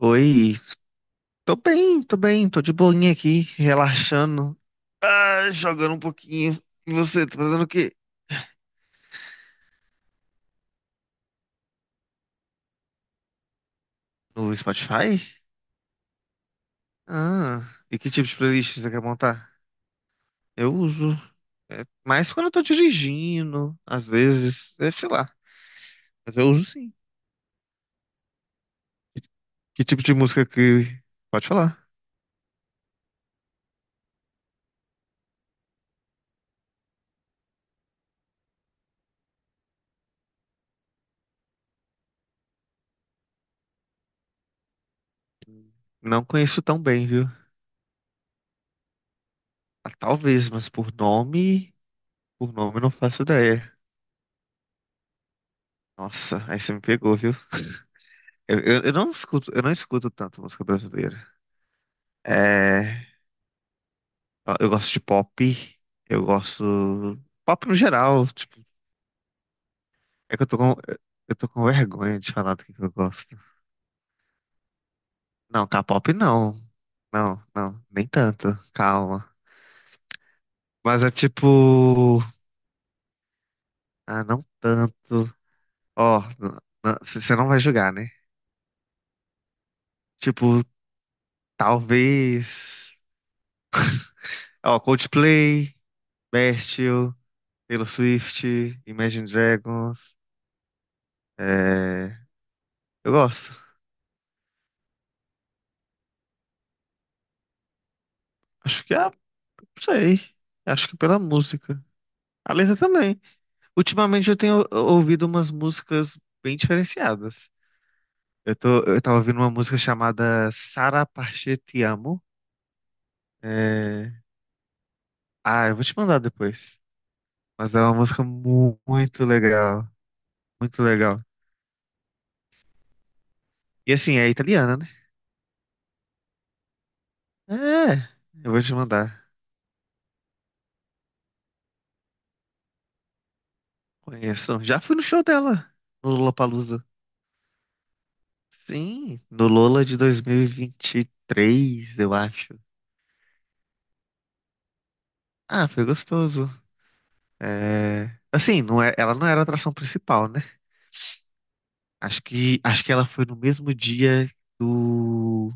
Oi, tô bem, tô bem, tô de boinha aqui, relaxando, ah, jogando um pouquinho. E você, tá fazendo o quê? No Spotify? Ah, e que tipo de playlist você quer montar? Eu uso, é, mais quando eu tô dirigindo, às vezes, é, sei lá, mas eu uso sim. Que tipo de música que... Pode falar. Não conheço tão bem, viu? Ah, talvez, mas por nome eu não faço ideia. Nossa, aí você me pegou, viu? Eu não escuto tanto música brasileira. É, eu gosto de pop, eu gosto pop no geral, tipo, é que eu tô com vergonha de falar do que eu gosto. Não, K-pop não, não, não, nem tanto, calma. Mas é tipo, ah, não tanto. Ó, você não vai julgar, né? Tipo, talvez, ó, Coldplay, Bastille, Taylor Swift, Imagine Dragons, é, eu gosto. Acho que é sei. Acho que pela música. A letra também. Ultimamente eu tenho ouvido umas músicas bem diferenciadas. Eu tava ouvindo uma música chamada Sara Parche Te Amo. É, ah, eu vou te mandar depois. Mas é uma música muito legal. Muito legal. E assim, é italiana, né? É, eu vou te mandar. Conheço. Já fui no show dela, no Lollapalooza. Sim, no Lola de dois mil e vinte e três, eu acho. Ah, foi gostoso. É, assim, não é, ela não era a atração principal, né? Acho que ela foi no mesmo dia do.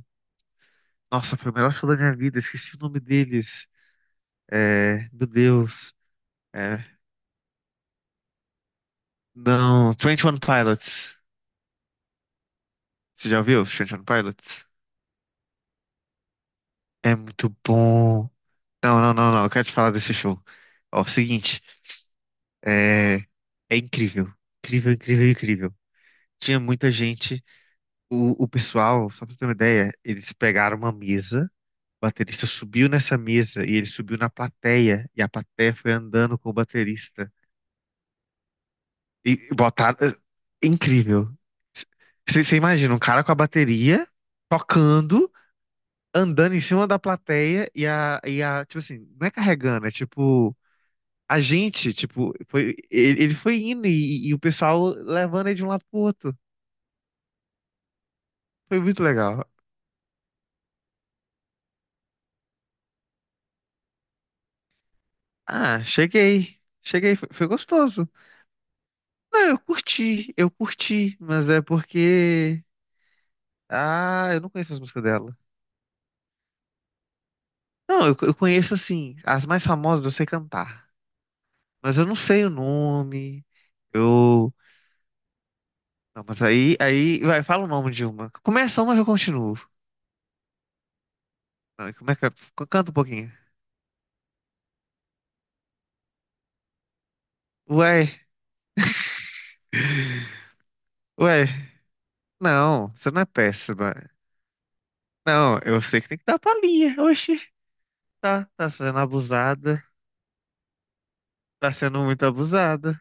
Nossa, foi o melhor show da minha vida, esqueci o nome deles. É, meu Deus. É, não, twenty One Pilots. Você já ouviu twenty One Pilots? É muito bom. Não, não, não, não, eu quero te falar desse show. Ó, o seguinte, é, é incrível. Incrível, incrível, incrível. Tinha muita gente. O pessoal, só pra você ter uma ideia, eles pegaram uma mesa. O baterista subiu nessa mesa e ele subiu na plateia e a plateia foi andando com o baterista. E botaram. É incrível. Você imagina um cara com a bateria tocando, andando em cima da plateia e a, tipo assim, não é carregando, é tipo, a gente, tipo, foi, ele foi indo e o pessoal levando ele de um lado pro outro. Foi muito legal. Ah, cheguei. Cheguei, foi, foi gostoso. Não, eu curti, mas é porque ah, eu não conheço as músicas dela. Não, eu conheço assim, as mais famosas eu sei cantar, mas eu não sei o nome. Eu. Não, mas aí, vai, fala o nome de uma. Começa uma que eu continuo. Não, como é que é? Canta um pouquinho. Ué, ué. Não, você não é péssima. Não, eu sei que tem que dar palhinha. Oxi, tá, tá sendo abusada. Tá sendo muito abusada.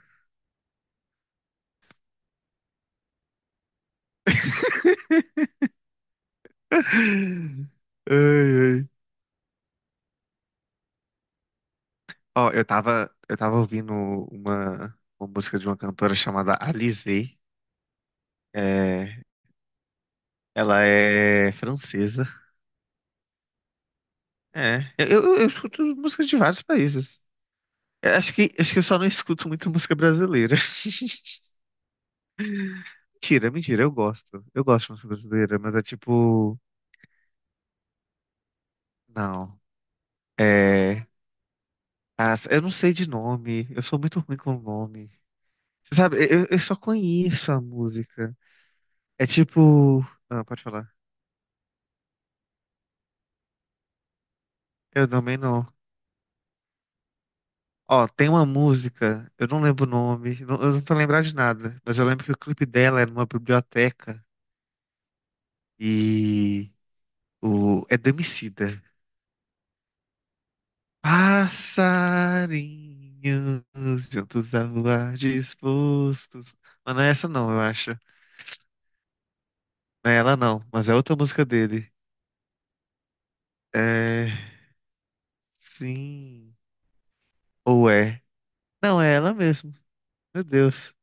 Ai, ai. Ó, eu tava ouvindo uma música de uma cantora chamada Alizée. É, ela é francesa. É, eu escuto músicas de vários países. Eu acho que eu só não escuto muito música brasileira. Mentira, mentira, eu gosto. Eu gosto de música brasileira, mas é tipo. Não. É. Eu não sei de nome. Eu sou muito ruim com nome. Você sabe, eu só conheço a música. É tipo. Ah, pode falar. Eu também não. Ó, tem uma música, eu não lembro o nome, eu não tô lembrado de nada, mas eu lembro que o clipe dela é numa biblioteca e o é do Emicida. Passarinhos juntos a voar dispostos. Mas não é essa não, eu acho. Não é ela não, mas é outra música dele. É, sim, ou é? Não, é ela mesmo. Meu Deus.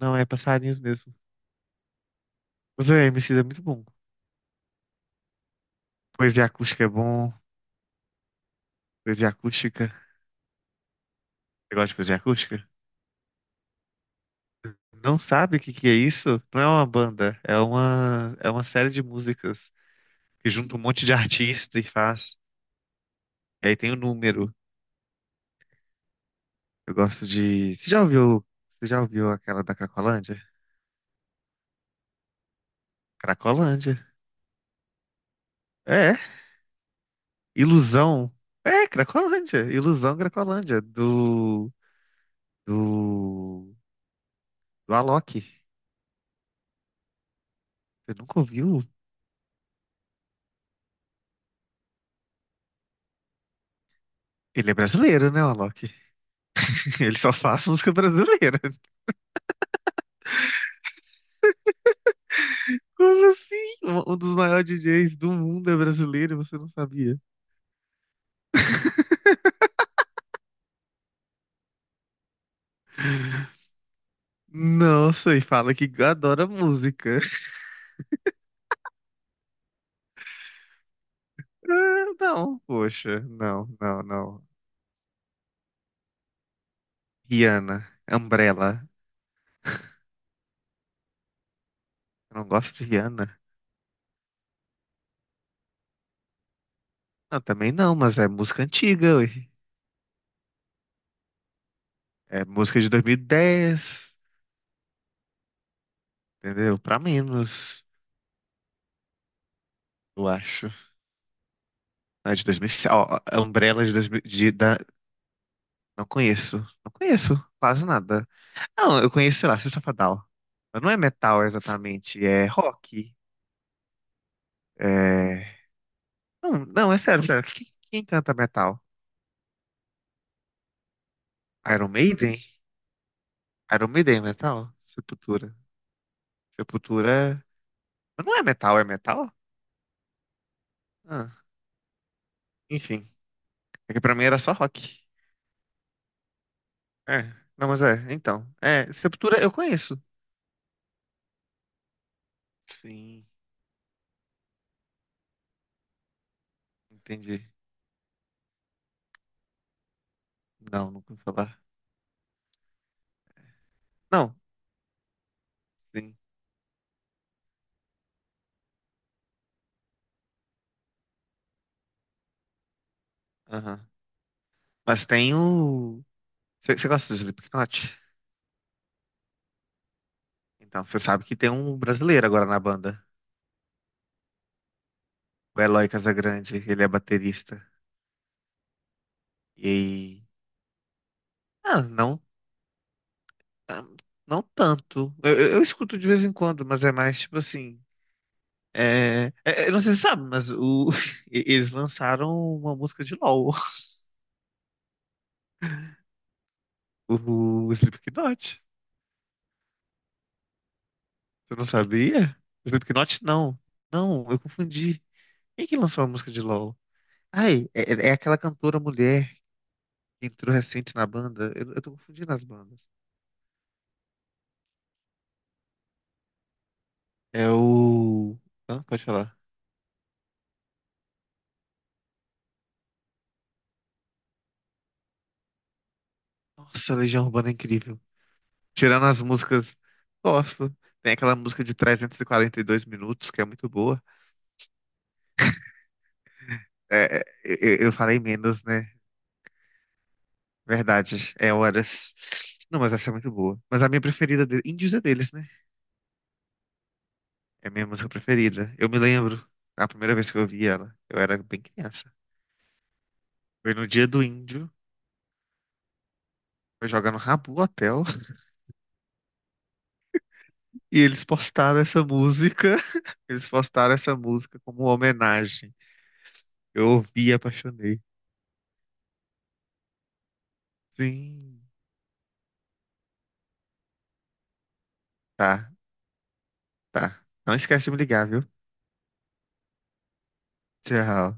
Não, é passarinhos mesmo. Mas é, Emicida é muito bom. Poesia acústica é bom, poesia acústica. Você gosta de cozinha acústica? Não sabe o que que é isso? Não é uma banda, é uma série de músicas que junta um monte de artista e faz. E aí tem o número. Eu gosto de. Você já ouviu? Você já ouviu aquela da Cracolândia? Cracolândia. É, ilusão. É, Cracolândia. Ilusão Cracolândia. Do. Do. Do Alok. Você nunca ouviu? Ele é brasileiro, né, o Alok? Ele só faz música brasileira. Como assim? Um dos maiores DJs do mundo é brasileiro e você não sabia? Nossa, e fala que adora música. Ah, não, poxa, não, não, não. Rihanna, Umbrella. Eu não gosto de Rihanna. Ah, também não, mas é música antiga. Ué. É música de 2010, entendeu? Pra menos, eu acho. Não, é de 2007. Ó, ó, Umbrella é de 2000, de- da- não conheço. Não conheço quase nada. Não, eu conheço, sei lá, System of a Down. Mas não é metal exatamente, é rock. É... Não, não, é sério, sério. Quem, quem canta metal? Iron Maiden? Iron Maiden é metal? Sepultura. Sepultura. É- Mas não é metal, é metal? Ah, enfim. É que pra mim era só rock. É, não, mas é, então. É, Sepultura eu conheço. Sim, entendi. Não, nunca ouvi falar. Não, sim, aham. Mas tem o. Você gosta de Slipknot? Então, você sabe que tem um brasileiro agora na banda. O Eloy Casagrande, ele é baterista. E aí. Ah, não. Ah, não tanto. Eu, eu escuto de vez em quando, mas é mais tipo assim. É, é, eu não sei se você sabe, mas o, eles lançaram uma música de LOL, o, Slipknot. Você não sabia? Slipknot não. Não, eu confundi. Quem que lançou a música de LOL? Ai, é, é aquela cantora mulher que entrou recente na banda. Eu tô confundindo as bandas. É o. Hã? Pode falar. Nossa, a Legião Urbana é incrível. Tirando as músicas, gosto. Tem aquela música de 342 minutos, que é muito boa. É, é, eu falei menos, né? Verdade, é horas. Não, mas essa é muito boa. Mas a minha preferida, de... Índios é deles, né? É a minha música preferida. Eu me lembro, a primeira vez que eu ouvi ela, eu era bem criança. Foi no dia do Índio, foi jogar no Rabu Hotel, e eles postaram essa música. Eles postaram essa música como uma homenagem. Eu ouvi e apaixonei. Sim, tá, tá. Não esquece de me ligar, viu? Tchau.